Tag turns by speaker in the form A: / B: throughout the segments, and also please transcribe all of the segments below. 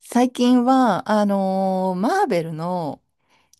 A: 最近は、マーベルの、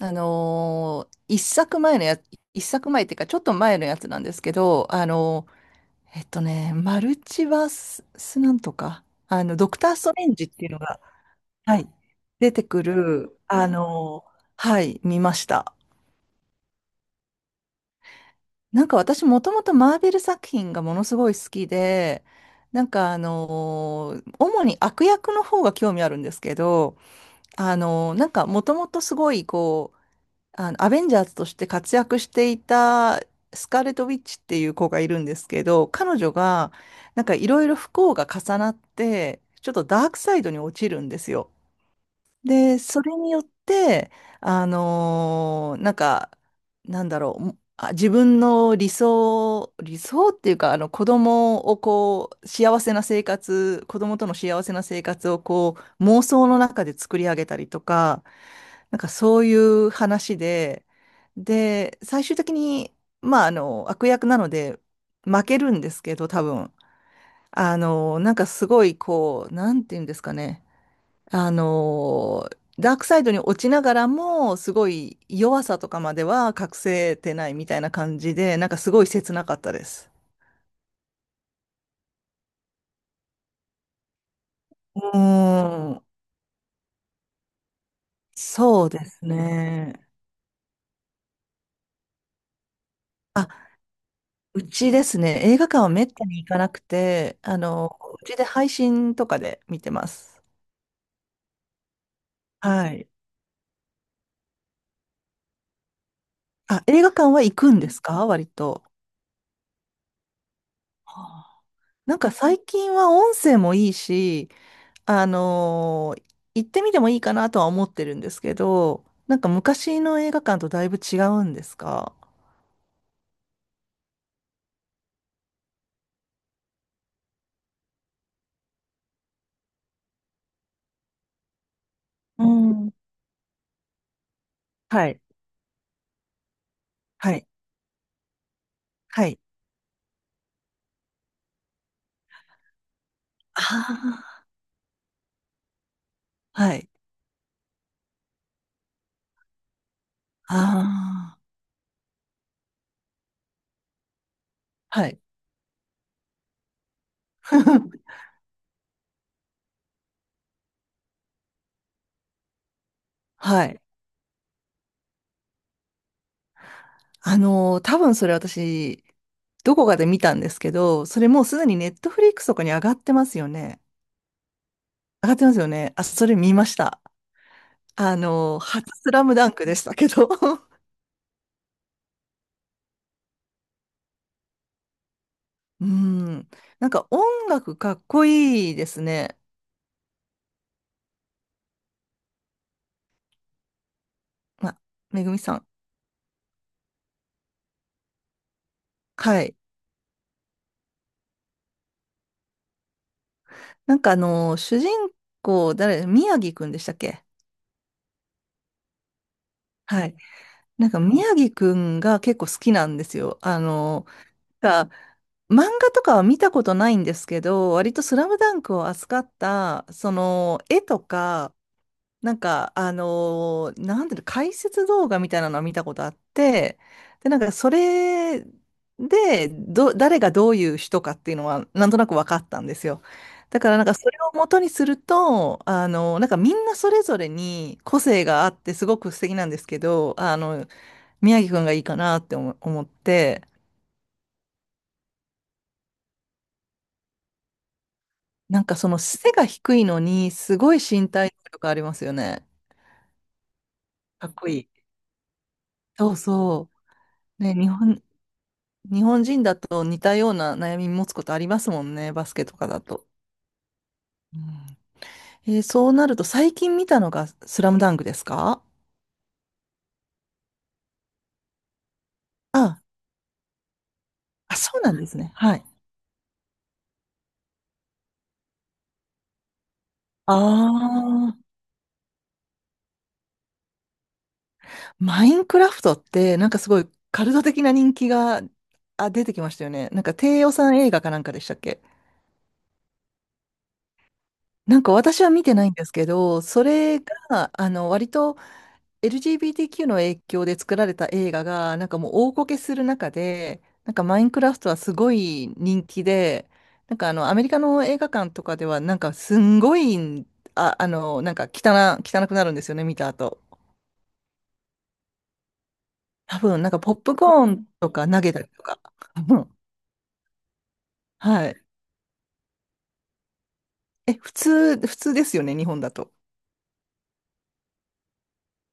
A: あのー一作前のや、一作前っていうか、ちょっと前のやつなんですけど、マルチバス、スなんとか、ドクター・ストレンジっていうのが、はい、出てくる、はい、見ました。なんか私、もともとマーベル作品がものすごい好きで、なんか主に悪役の方が興味あるんですけど、なんかもともとすごいこう、アベンジャーズとして活躍していたスカーレット・ウィッチっていう子がいるんですけど、彼女がなんかいろいろ不幸が重なって、ちょっとダークサイドに落ちるんですよ。で、それによって、なんか、なんだろう、自分の理想、理想っていうか、あの子供をこう、幸せな生活、子供との幸せな生活をこう、妄想の中で作り上げたりとか、なんかそういう話で、で、最終的に、まあ、悪役なので、負けるんですけど、多分。なんかすごい、こう、なんていうんですかね。あの、ダークサイドに落ちながらも、すごい弱さとかまでは隠せてないみたいな感じで、なんかすごい切なかったです。うーん、そうですね。あ、うちですね、映画館はめったに行かなくて、うちで配信とかで見てます。はい。あ、映画館は行くんですか割と？はあ。なんか最近は音声もいいし、あのー行ってみてもいいかなとは思ってるんですけど、なんか昔の映画館とだいぶ違うんですか？うん。はい。はい。はい。ああ、はい。ああ。はい。はい。多分それ私、どこかで見たんですけど、それもうすでにネットフリックスとかに上がってますよね。上がってますよね。あ、それ見ました。初スラムダンクでしたけど。うん。なんか音楽かっこいいですね。あ、めぐみさん。はい。なんか主人公、誰、宮城くんでしたっけ？はい。なんか宮城くんが結構好きなんですよ。が漫画とかは見たことないんですけど、割とスラムダンクを扱った、その、絵とか、なんか、なんていうの、解説動画みたいなのは見たことあって、で、なんか、それで、誰がどういう人かっていうのは、なんとなく分かったんですよ。だから、なんか、それを元にすると、なんか、みんなそれぞれに個性があって、すごく素敵なんですけど、宮城くんがいいかなって思って、なんか、その、背が低いのに、すごい身体能力ありますよね。かっこいい。そうそう。ね、日本人だと似たような悩み持つことありますもんね、バスケとかだと。うん、そうなると最近見たのがスラムダンクですか？あ、あ、そうなんですね。はい。ああ、マインクラフトってなんかすごいカルト的な人気が、あ、出てきましたよね。なんか低予算映画かなんかでしたっけ？なんか私は見てないんですけど、それが、割と LGBTQ の影響で作られた映画が、なんかもう大こけする中で、なんかマインクラフトはすごい人気で、なんかアメリカの映画館とかでは、なんかすんごい、あ、なんか汚くなるんですよね、見た後。多分、なんかポップコーンとか投げたりとか。うん。はい。え、普通ですよね、日本だと。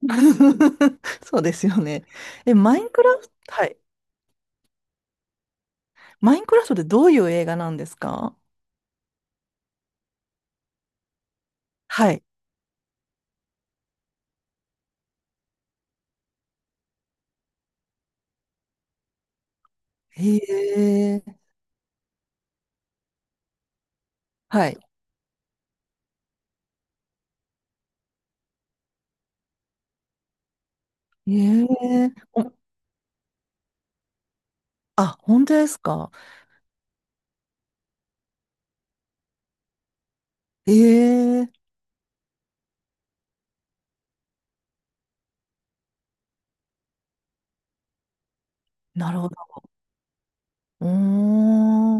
A: そうですよね。え、マインクラフト、はい。マインクラフトってどういう映画なんですか？はい。へえ。はい。ええ、お、あ、本当ですか。ええ、なるほど。うーん。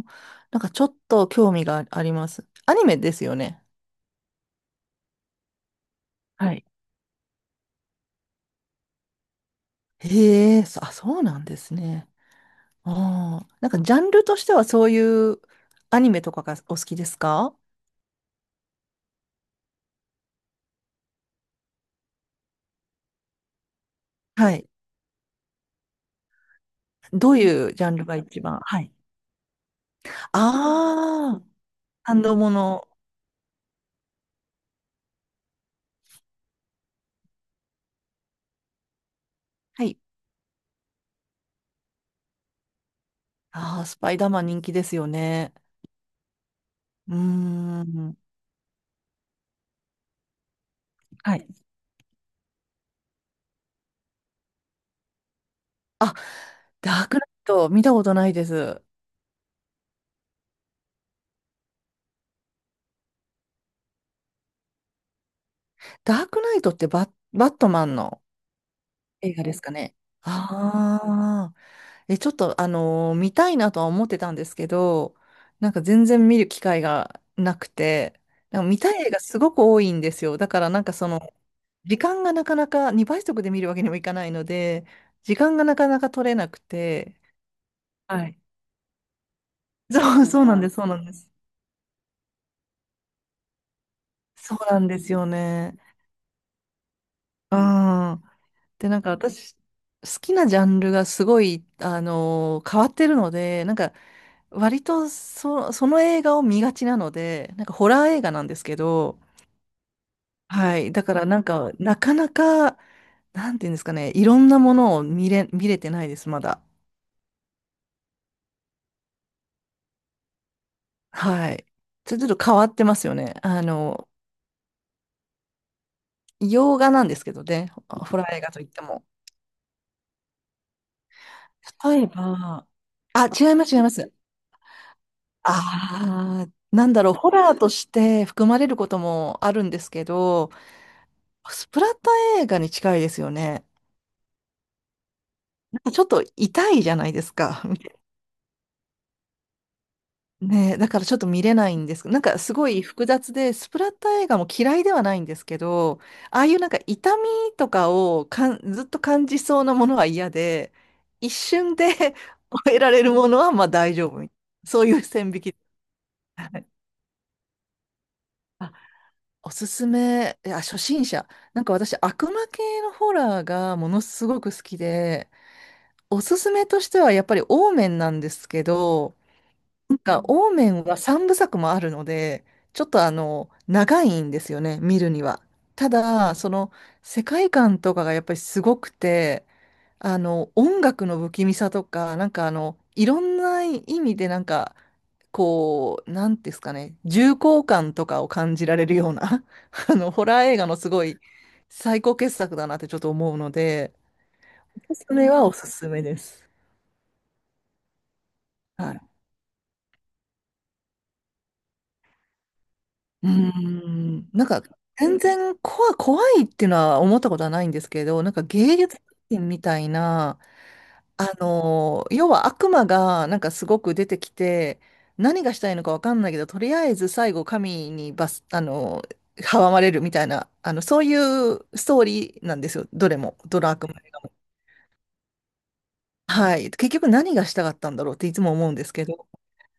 A: なんかちょっと興味があります。アニメですよね。はい。ええ、そうなんですね。ああ、なんかジャンルとしてはそういうアニメとかがお好きですか？はい。どういうジャンルが一番？はい。ああ、感動もの。はい。ああ、スパイダーマン人気ですよね。うーん。はい。あ、ダークナイト、見たことないです。ダークナイトってバットマンの映画ですかね。ああ、え、ちょっと、見たいなとは思ってたんですけど、なんか全然見る機会がなくて、なんか見たい映画すごく多いんですよ。だからなんかその、時間がなかなか2倍速で見るわけにもいかないので、時間がなかなか取れなくて、はい。そう、そうなんです、そうなんです。そうなんですよね。うん。で、なんか私、好きなジャンルがすごい、変わってるので、なんか、割とその映画を見がちなので、なんかホラー映画なんですけど、はい。だからなんか、なかなか、なんていうんですかね、いろんなものを見れてないです、まだ。はい。ちょっと変わってますよね。洋画なんですけどね、ホラー映画といっても。例えば、あ、違います、違います。ああ、なんだろう、ホラーとして含まれることもあるんですけど、スプラッタ映画に近いですよね。なんかちょっと痛いじゃないですか。ねえ、だからちょっと見れないんですけど、なんかすごい複雑で、スプラッタ映画も嫌いではないんですけど、ああいうなんか痛みとかをずっと感じそうなものは嫌で、一瞬で 終えられるものはまあ大丈夫みたいな。そういう線引き。はい。おすすめ、いや、初心者。なんか私、悪魔系のホラーがものすごく好きで、おすすめとしてはやっぱりオーメンなんですけど、なんかオーメンは3部作もあるので、ちょっと長いんですよね、見るには。ただ、その、世界観とかがやっぱりすごくて、音楽の不気味さとか、なんかいろんな意味でなんか、こう、なんですかね、重厚感とかを感じられるような、ホラー映画のすごい最高傑作だなってちょっと思うので、それはおすすめです。はい。うーん、なんか、全然怖、怖いっていうのは思ったことはないんですけど、なんか芸術品みたいな、要は悪魔がなんかすごく出てきて、何がしたいのかわかんないけど、とりあえず最後神にバス、あのー阻まれるみたいな、そういうストーリーなんですよ、どれも、どの悪魔映画も。はい、結局何がしたかったんだろうっていつも思うんですけど、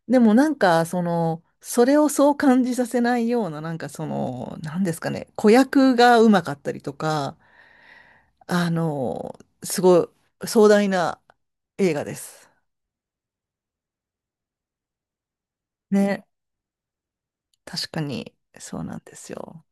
A: でもなんかその、それをそう感じさせないような、なんかその、何ですかね、子役がうまかったりとか、すごい壮大な映画です。ね。確かに、そうなんですよ。